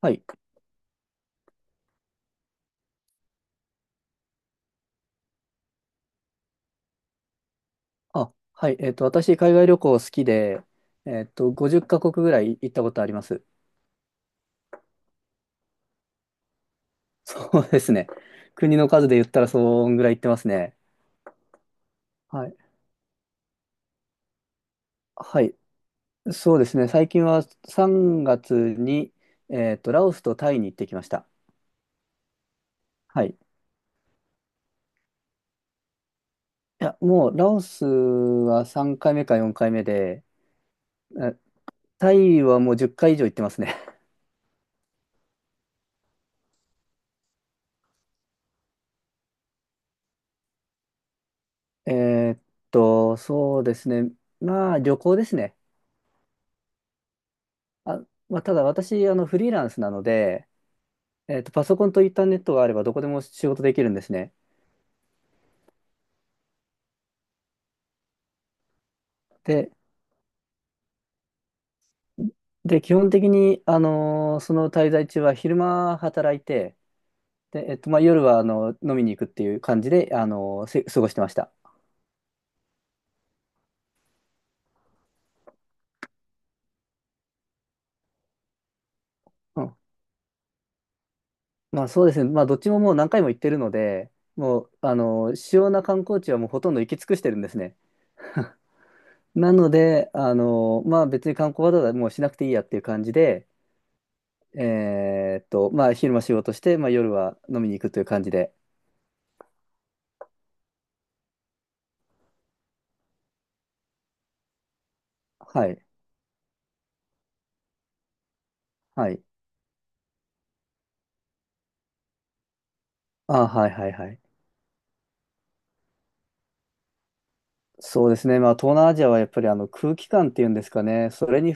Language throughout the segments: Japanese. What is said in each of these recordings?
はい。はい。私、海外旅行好きで、50カ国ぐらい行ったことあります。そうですね。国の数で言ったら、そんぐらい行ってますね。はい。はい。そうですね。最近は3月に、ラオスとタイに行ってきました。はい。いや、もう、ラオスは3回目か4回目で、えタイはもう10回以上行ってますね。えーっそうですね。まあ、旅行ですね。まあ、ただ私、フリーランスなので、パソコンとインターネットがあればどこでも仕事できるんですね。で、で、基本的に、その滞在中は昼間働いて、で、まあ、夜は、飲みに行くっていう感じで、あのーせ過ごしてました。うん。まあ、そうですね。まあ、どっちももう何回も行ってるので、もう、主要な観光地はもうほとんど行き尽くしてるんですね。なので、まあ、別に観光わざわざもうしなくていいやっていう感じで、まあ、昼間仕事して、まあ、夜は飲みに行くという感じで、はい。はい。はいはいはい。そうですね。まあ、東南アジアはやっぱりあの空気感っていうんですかね。それに、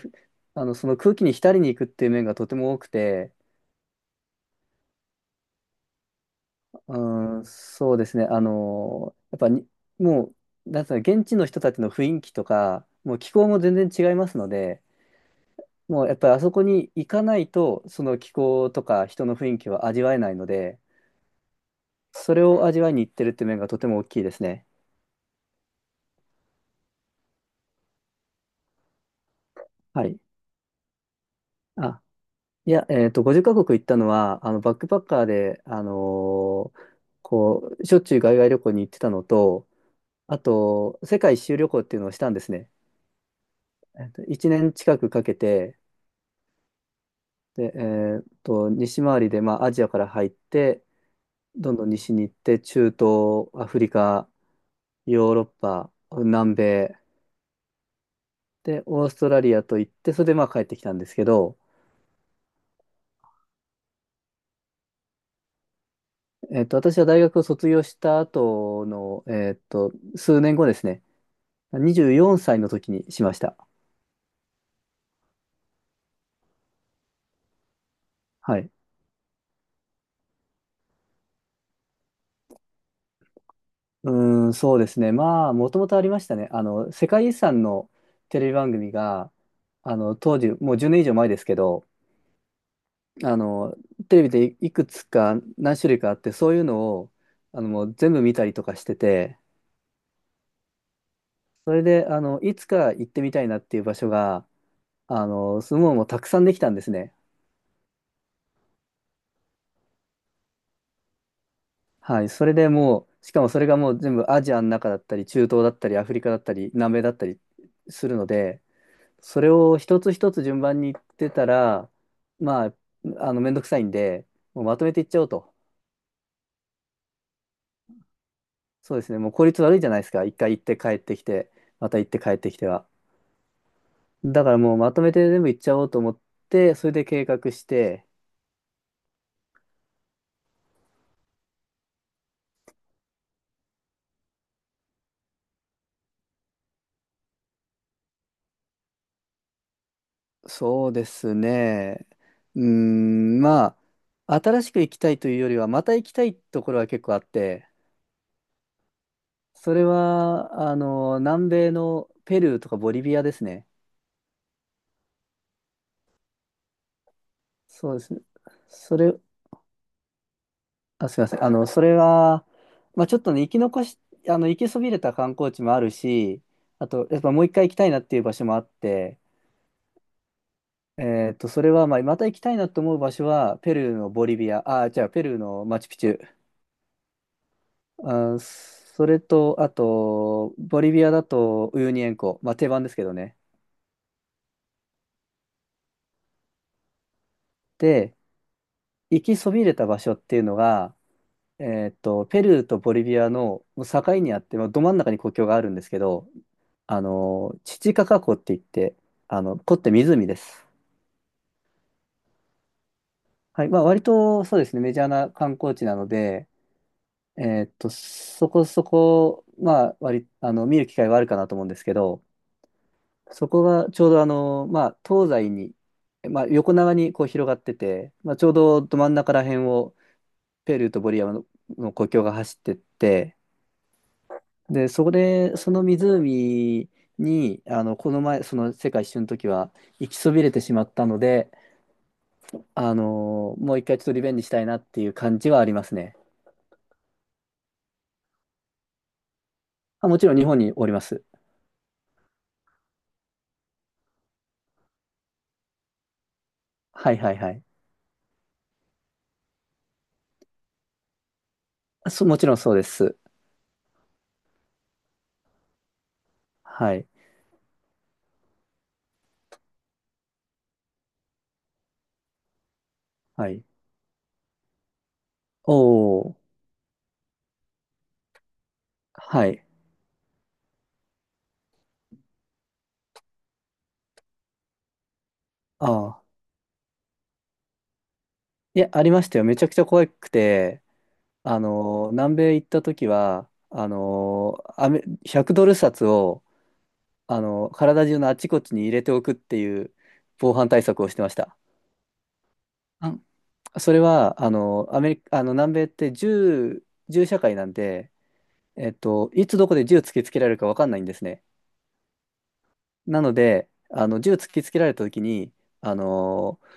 その空気に浸りに行くっていう面がとても多くて、うん、そうですね。あの、やっぱに、もう、なんつうの、現地の人たちの雰囲気とか、もう気候も全然違いますので、もうやっぱりあそこに行かないと、その気候とか人の雰囲気は味わえないので、それを味わいに行ってるっていう面がとても大きいですね。はい。あいや、50カ国行ったのは、バックパッカーで、しょっちゅう海外旅行に行ってたのと、あと、世界一周旅行っていうのをしたんですね。1年近くかけて、で、西回りで、まあ、アジアから入って、どんどん西に行って、中東、アフリカ、ヨーロッパ、南米、で、オーストラリアと行って、それで、まあ、帰ってきたんですけど、私は大学を卒業した後の、数年後ですね、24歳の時にしました。はい。うーん、そうですね。まあ、もともとありましたね。世界遺産のテレビ番組が、当時、もう10年以上前ですけど、あの、テレビでいいくつか何種類かあって、そういうのを、もう全部見たりとかしてて、それで、いつか行ってみたいなっていう場所が、すごいもうたくさんできたんですね。はい。それでもう、しかもそれがもう全部アジアの中だったり、中東だったり、アフリカだったり、南米だったりするので、それを一つ一つ順番に言ってたら、まあ、めんどくさいんで、もうまとめていっちゃおうと。そうですね。もう効率悪いじゃないですか。一回行って帰ってきて、また行って帰ってきては。だからもうまとめて全部行っちゃおうと思って、それで計画して、そうですね。うーん、まあ、新しく行きたいというよりは、また行きたいところは結構あって、それは、南米のペルーとかボリビアですね。そうですね。それ、あ、すみません。それは、まあ、ちょっとね、生き残し、あの、行きそびれた観光地もあるし、あと、やっぱもう一回行きたいなっていう場所もあって、それは、まあ、また行きたいなと思う場所は、ペルーのボリビア、あ、じゃあ、ペルーのマチュピチュ。それと、あと、ボリビアだと、ウユニ塩湖。まあ、定番ですけどね。で、行きそびれた場所っていうのが、ペルーとボリビアのもう境にあって、まあ、ど真ん中に国境があるんですけど、チチカカ湖って言って、湖って湖です。はい。まあ、割とそうですね、メジャーな観光地なので、そこそこ、まあ、割、あの、見る機会はあるかなと思うんですけど、そこがちょうどまあ、東西に、まあ、横長にこう広がってて、まあ、ちょうどど真ん中ら辺をペルーとボリビアの国境が走ってって、で、そこで、その湖に、この前、その世界一周の時は行きそびれてしまったので、もう一回ちょっとリベンジしたいなっていう感じはありますね。もちろん日本におります。はいはいはい。もちろんそうです。はい。はい。おー。はい。ああ。いや、ありましたよ。めちゃくちゃ怖くて、南米行った時は、あのーアメ、100ドル札を、体中のあちこちに入れておくっていう防犯対策をしてました。あそれは、あのーアメリカ、あの、南米って銃社会なんで、いつどこで銃突きつけられるか分かんないんですね。なので、銃突きつけられた時に、あのー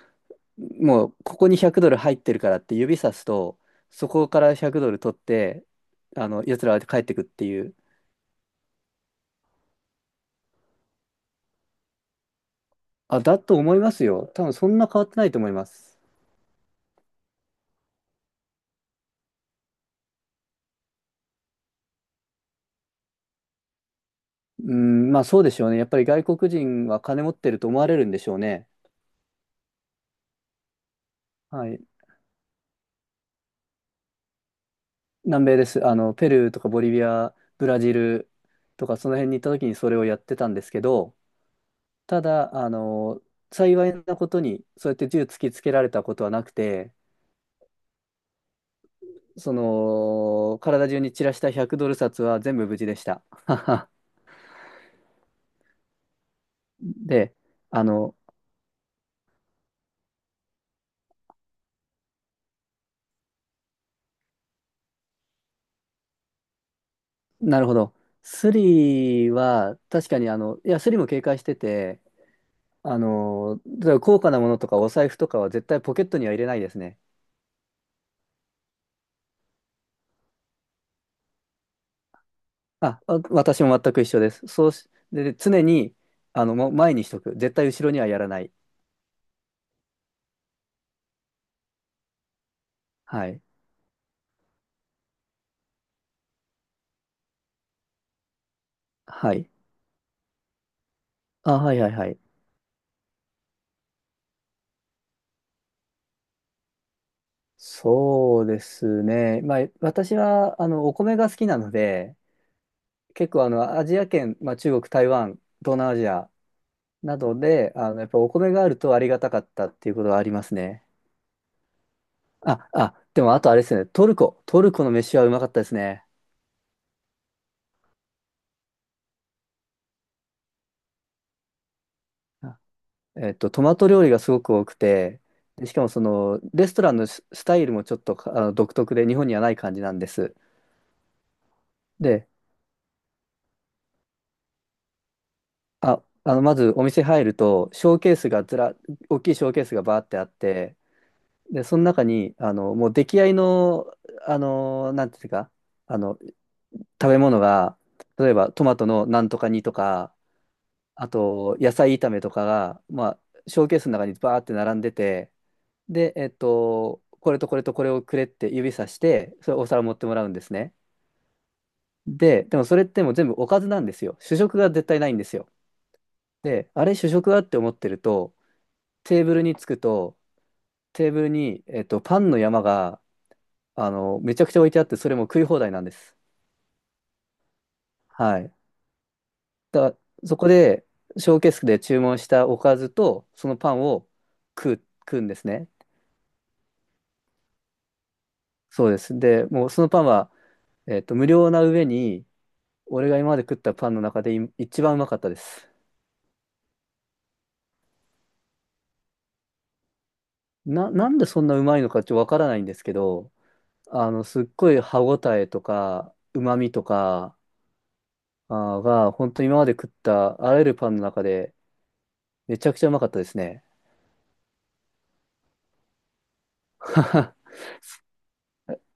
もうここに100ドル入ってるからって指さすと、そこから100ドル取って、奴らは帰ってくっていう。だと思いますよ。多分そんな変わってないと思います。うん、まあそうでしょうね。やっぱり外国人は金持ってると思われるんでしょうね。はい。南米です。ペルーとかボリビア、ブラジルとかその辺に行った時にそれをやってたんですけど、ただ、幸いなことに、そうやって銃突きつけられたことはなくて、その、体中に散らした100ドル札は全部無事でした。で、あの、なるほど。スリは、確かに、いや、スリも警戒してて、あの、例えば高価なものとかお財布とかは絶対ポケットには入れないですね。私も全く一緒です。そうし、で、常に、もう前にしとく。絶対後ろにはやらない。はい。はい。はいはいはい。そうですね。まあ、私は、お米が好きなので、結構、アジア圏、まあ、中国、台湾、東南アジアなどで、やっぱお米があるとありがたかったっていうことはありますね。でも、あとあれですね。トルコ。トルコの飯はうまかったですね。あトマト料理がすごく多くて、でしかも、その、レストランのスタイルもちょっと、独特で、日本にはない感じなんです。で、まずお店入ると、ショーケースがずら、大きいショーケースがバーってあって、で、その中に、もう出来合いの、なんていうか、あの、食べ物が、例えばトマトのなんとか煮とか、あと、野菜炒めとかが、まあ、ショーケースの中にバーって並んでて、で、これとこれとこれをくれって指さして、それお皿持ってもらうんですね。で、でもそれってもう全部おかずなんですよ。主食が絶対ないんですよ。で、あれ主食はって思ってると、テーブルに着くと、テーブルに、パンの山がめちゃくちゃ置いてあって、それも食い放題なんです。はい。だから、そこで、ショーケースで注文したおかずと、そのパンを食うんですね。そうです。で、もうそのパンは、無料な上に、俺が今まで食ったパンの中で一番うまかったです。なんでそんなうまいのかちょっとわからないんですけど、すっごい歯ごたえとか、うまみとか、あーが、本当に今まで食ったあらゆるパンの中で、めちゃくちゃうまかったですね。